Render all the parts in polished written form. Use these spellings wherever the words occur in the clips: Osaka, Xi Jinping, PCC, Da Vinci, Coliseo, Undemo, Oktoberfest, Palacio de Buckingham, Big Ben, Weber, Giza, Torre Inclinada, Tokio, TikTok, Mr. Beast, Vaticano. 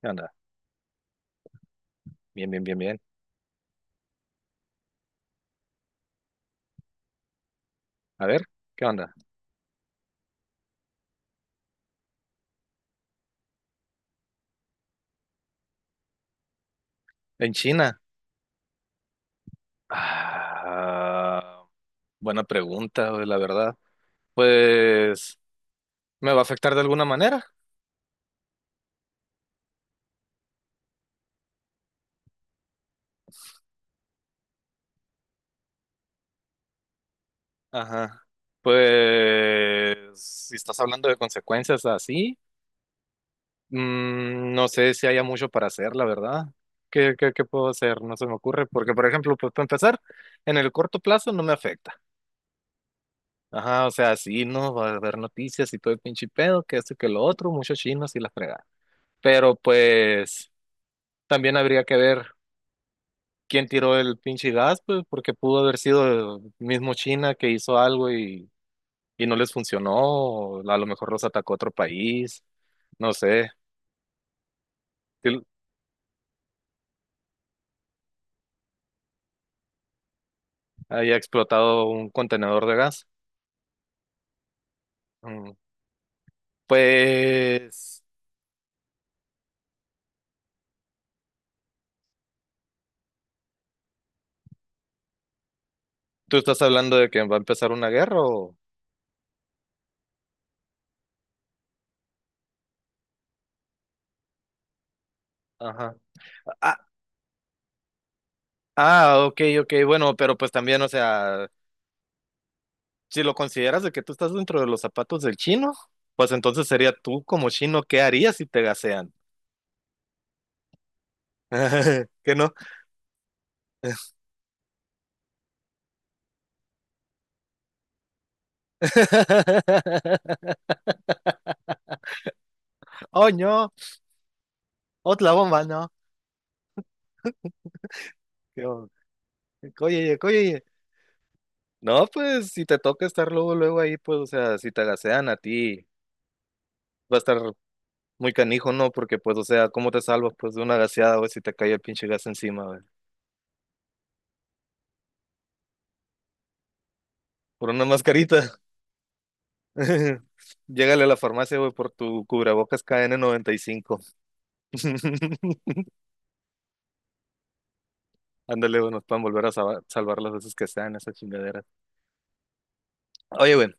¿Qué onda? Bien, bien, bien, bien. A ver, ¿qué onda? En China. Ah, buena pregunta, güey, la verdad. Pues, ¿me va a afectar de alguna manera? Ajá. Pues, si estás hablando de consecuencias así, no sé si haya mucho para hacer, la verdad. ¿Qué puedo hacer? No se me ocurre. Porque, por ejemplo, pues, para empezar, en el corto plazo no me afecta. Ajá, o sea, sí, no, va a haber noticias y todo el pinche pedo, que esto y que lo otro, muchos chinos y la fregada. Pero pues también habría que ver quién tiró el pinche gas, pues, porque pudo haber sido el mismo China que hizo algo y no les funcionó, o a lo mejor los atacó otro país, no sé, que haya explotado un contenedor de gas. Mm, Pues, ¿tú estás hablando de que va a empezar una guerra o...? Ajá. Ah, ah, ok, ok, bueno, pero pues también, o sea, si lo consideras de que tú estás dentro de los zapatos del chino, pues entonces sería tú como chino, ¿qué harías si te gasean? ¿Que no? Oh, no, otra bomba, no. Qué bo- Oye, oye, no, pues si te toca estar luego, luego ahí, pues, o sea, si te gasean a ti, va a estar muy canijo, ¿no? Porque, pues, o sea, ¿cómo te salvas, pues, de una gaseada, güey, si te cae el pinche gas encima, güey? Por una mascarita. Llégale a la farmacia, güey, por tu cubrebocas kn cinco. Ándale, güey, nos puedan volver a salvar, las veces que sean esas chingaderas. Oye, güey,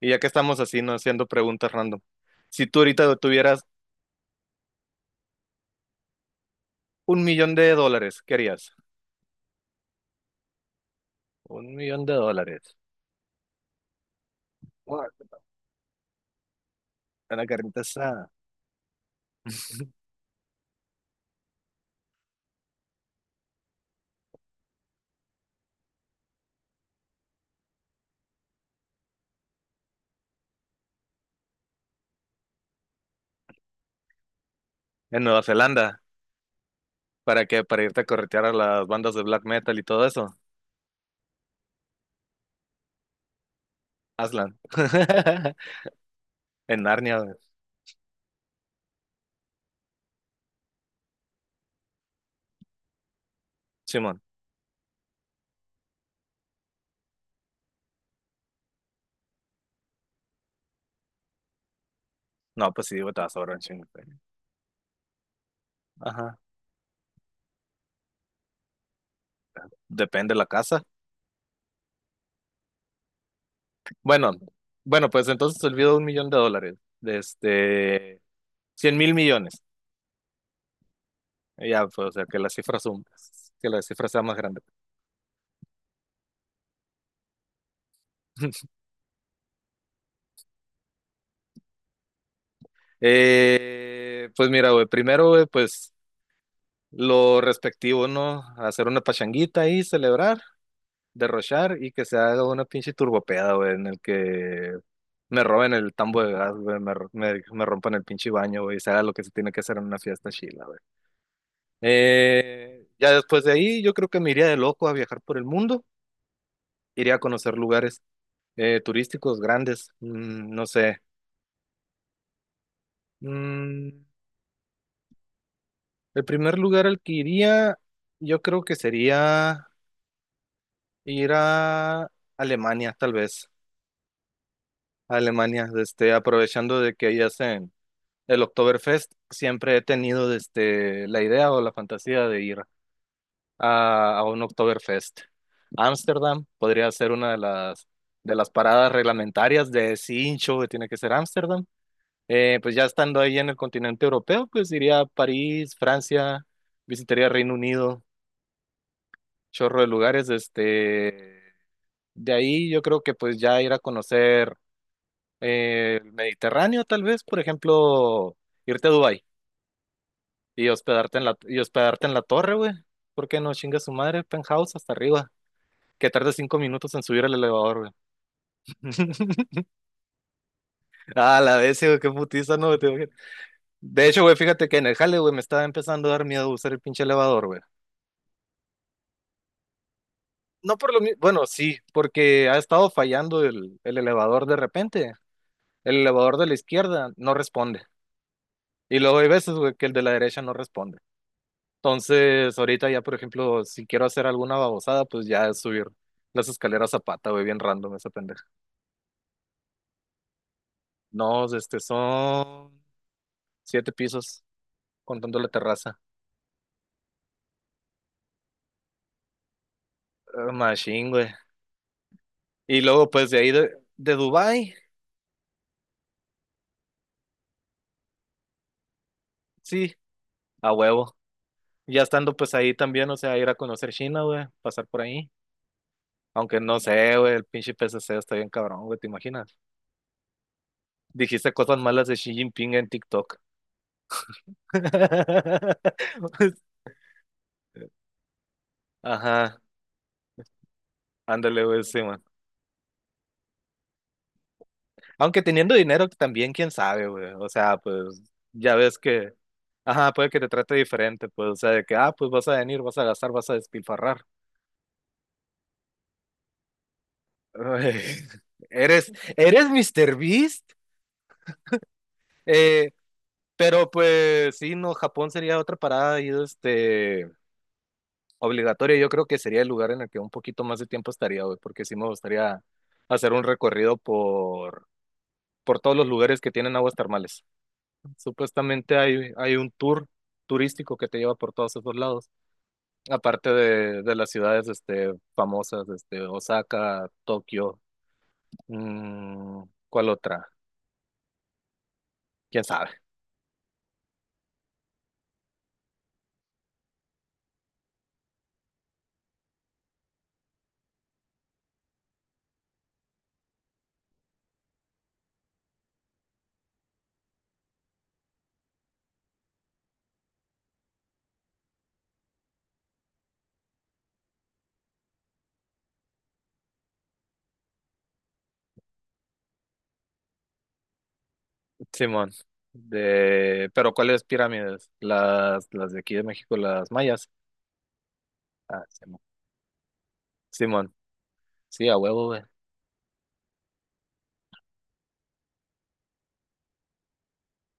y ya que estamos así, no haciendo preguntas random. Si tú ahorita tuvieras un millón de dólares, ¿qué harías? Un millón de dólares. What? Una carnita asada. En Nueva Zelanda. ¿Para qué? Para irte a corretear a las bandas de black metal y todo eso. Aslan. En Narnia, güey. Simón. No, pues sí, güey, te vas a ahorrar un chingo, güey. Ajá. Depende de la casa. Bueno, bueno, pues entonces olvido un millón de dólares. De este. Cien mil millones. Ya, pues, o sea, que las cifras son, que la cifra sea más grande. Pues mira, güey, primero, güey, pues lo respectivo, ¿no? Hacer una pachanguita ahí, celebrar, derrochar y que se haga una pinche turbopeada, güey, en el que me roben el tambo de gas, güey, me rompan el pinche baño, güey, y se haga lo que se tiene que hacer en una fiesta chila, güey. Ya después de ahí, yo creo que me iría de loco a viajar por el mundo, iría a conocer lugares turísticos grandes, no sé. Mm, El primer lugar al que iría, yo creo que sería ir a Alemania, tal vez. A Alemania, este, aprovechando de que ahí hacen el Oktoberfest, siempre he tenido este, la idea o la fantasía de ir a un Oktoberfest. Ámsterdam podría ser una de las paradas reglamentarias de ese hincho que tiene que ser Ámsterdam. Pues ya estando ahí en el continente europeo, pues iría a París, Francia, visitaría Reino Unido chorro de lugares, este, de ahí yo creo que pues ya ir a conocer el Mediterráneo, tal vez, por ejemplo, irte a Dubái y hospedarte en la torre, güey, ¿por qué no chinga su madre, penthouse hasta arriba? Que tarde 5 minutos en subir el elevador, güey. Ah, la vez, güey, qué putiza, no, te imaginas. De hecho, güey, fíjate que en el jale, güey, me estaba empezando a dar miedo usar el pinche elevador, güey. No por lo mismo, bueno, sí, porque ha estado fallando el elevador de repente. El elevador de la izquierda no responde. Y luego hay veces, güey, que el de la derecha no responde. Entonces, ahorita ya, por ejemplo, si quiero hacer alguna babosada, pues ya es subir las escaleras a pata, güey, bien random esa pendeja. No, este, son 7 pisos contando la terraza. Ah, Machine, güey. Y luego, pues de ahí de Dubái, sí, a huevo. Ya estando pues ahí también, o sea, ir a conocer China, güey, pasar por ahí. Aunque no sé, güey, el pinche PCC está bien cabrón, güey, ¿te imaginas? Dijiste cosas malas de Xi Jinping en TikTok. Ajá, ándale, güey, sí, man. Aunque teniendo dinero también, quién sabe, güey. O sea, pues ya ves que, ajá, puede que te trate diferente, pues, o sea, de que, ah, pues vas a venir, vas a gastar, vas a despilfarrar. Ay, Eres Mr. Beast, eh, pero pues sí, no, Japón sería otra parada y este, obligatoria. Yo creo que sería el lugar en el que un poquito más de tiempo estaría, güey, porque sí me gustaría hacer un recorrido por todos los lugares que tienen aguas termales. Supuestamente hay un tour turístico que te lleva por todos esos lados, aparte de las ciudades este, famosas, este, Osaka, Tokio, mm, ¿cuál otra? ¿Quién sabe? Simón. Pero ¿cuáles pirámides? Las de aquí de México, las mayas. Ah, Simón. Simón. Sí, a huevo, güey.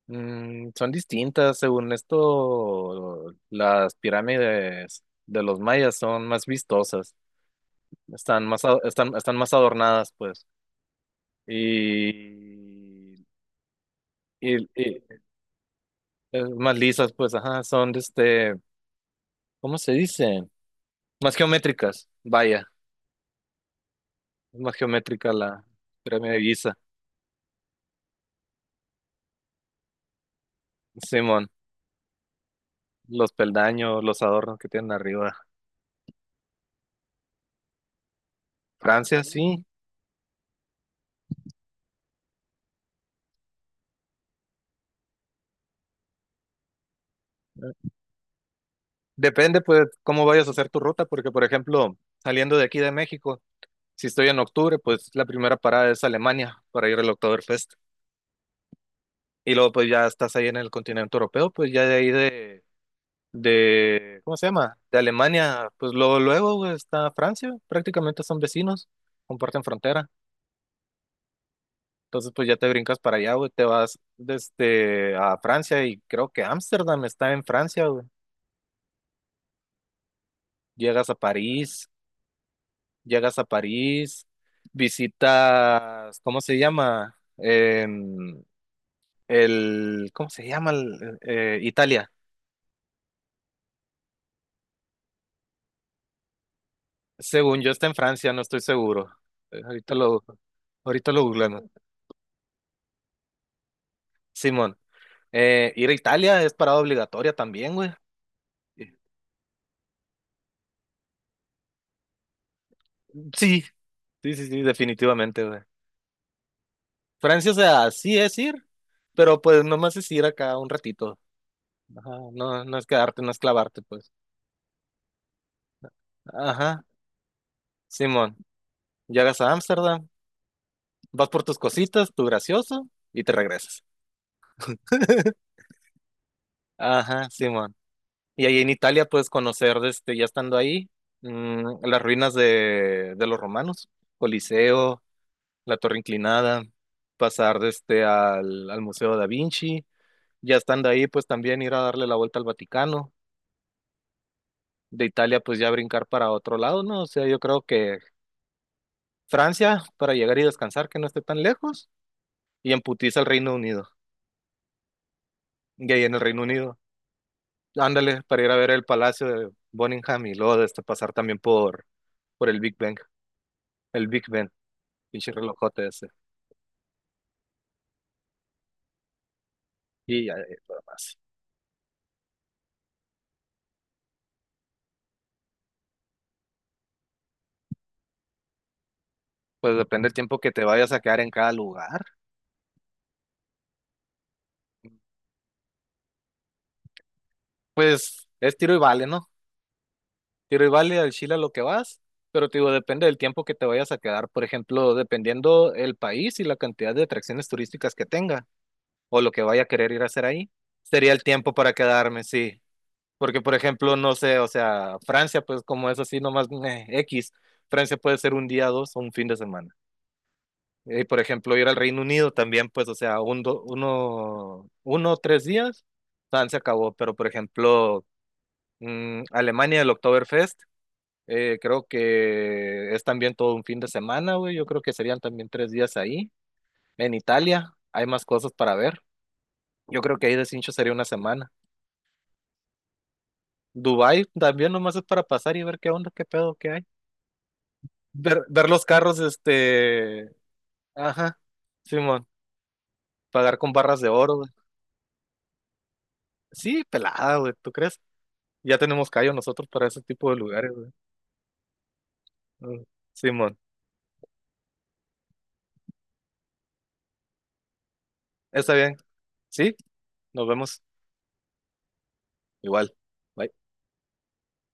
Son distintas, según esto, las pirámides de los mayas son más vistosas. Están más adornadas, pues. Y, y más lisas, pues, ajá, son de este, ¿cómo se dice? Más geométricas, vaya, es más geométrica la pirámide de Giza, Simón, los peldaños, los adornos que tienen arriba. Francia, sí. Depende, pues, cómo vayas a hacer tu ruta, porque, por ejemplo, saliendo de aquí de México, si estoy en octubre, pues la primera parada es Alemania para ir al Oktoberfest. Y luego, pues, ya estás ahí en el continente europeo, pues ya de ahí de, ¿cómo se llama? De Alemania, pues luego, luego güey, está Francia, prácticamente son vecinos, comparten frontera. Entonces, pues ya te brincas para allá, güey, te vas desde a Francia y creo que Ámsterdam está en Francia, güey. Llegas a París, llegas a París, visitas, ¿cómo se llama? ¿Cómo se llama? Italia. Según yo está en Francia, no estoy seguro. Eh, Ahorita lo, ahorita lo googleamos. Simón. Ir a Italia es parada obligatoria también, güey. Eh, Sí, sí, sí, sí, definitivamente, güey. Francia, o sea, sí es ir, pero pues nomás es ir acá un ratito. Ajá, no, no es quedarte, no es clavarte, pues. Ajá, Simón, llegas a Ámsterdam, vas por tus cositas, tu gracioso, y te regresas. Ajá, Simón. Y ahí en Italia puedes conocer, este, ya estando ahí, las ruinas de los romanos, Coliseo, la Torre Inclinada, pasar desde al Museo Da Vinci, ya estando ahí, pues también ir a darle la vuelta al Vaticano, de Italia, pues ya brincar para otro lado, ¿no? O sea, yo creo que Francia, para llegar y descansar, que no esté tan lejos, y en putiza al Reino Unido, y ahí en el Reino Unido, ándale, para ir a ver el Palacio de Buckingham y luego este, pasar también por el Big Ben, pinche relojote ese, y ya, lo demás. Pues depende del tiempo que te vayas a quedar en cada lugar. Pues es tiro y vale, ¿no? Tiro y vale al Chile a lo que vas, pero te digo, depende del tiempo que te vayas a quedar. Por ejemplo, dependiendo el país y la cantidad de atracciones turísticas que tenga o lo que vaya a querer ir a hacer ahí, sería el tiempo para quedarme, sí. Porque, por ejemplo, no sé, o sea, Francia, pues como es así nomás meh, X, Francia puede ser un día, dos o un fin de semana. Y, por ejemplo, ir al Reino Unido también, pues, o sea, un, do- uno, uno, tres días, tan se acabó. Pero, por ejemplo, Alemania, el Oktoberfest. Creo que es también todo un fin de semana, güey. Yo creo que serían también 3 días ahí. En Italia hay más cosas para ver. Yo creo que ahí de cincho sería una semana. Dubái también nomás es para pasar y ver qué onda, qué pedo qué hay. Ver los carros, este. Ajá, Simón. Pagar con barras de oro, güey. Sí, pelada, güey. ¿Tú crees? Ya tenemos callo nosotros para ese tipo de lugares, güey. Mm, Simón. Está bien. Sí, nos vemos. Igual. Bye.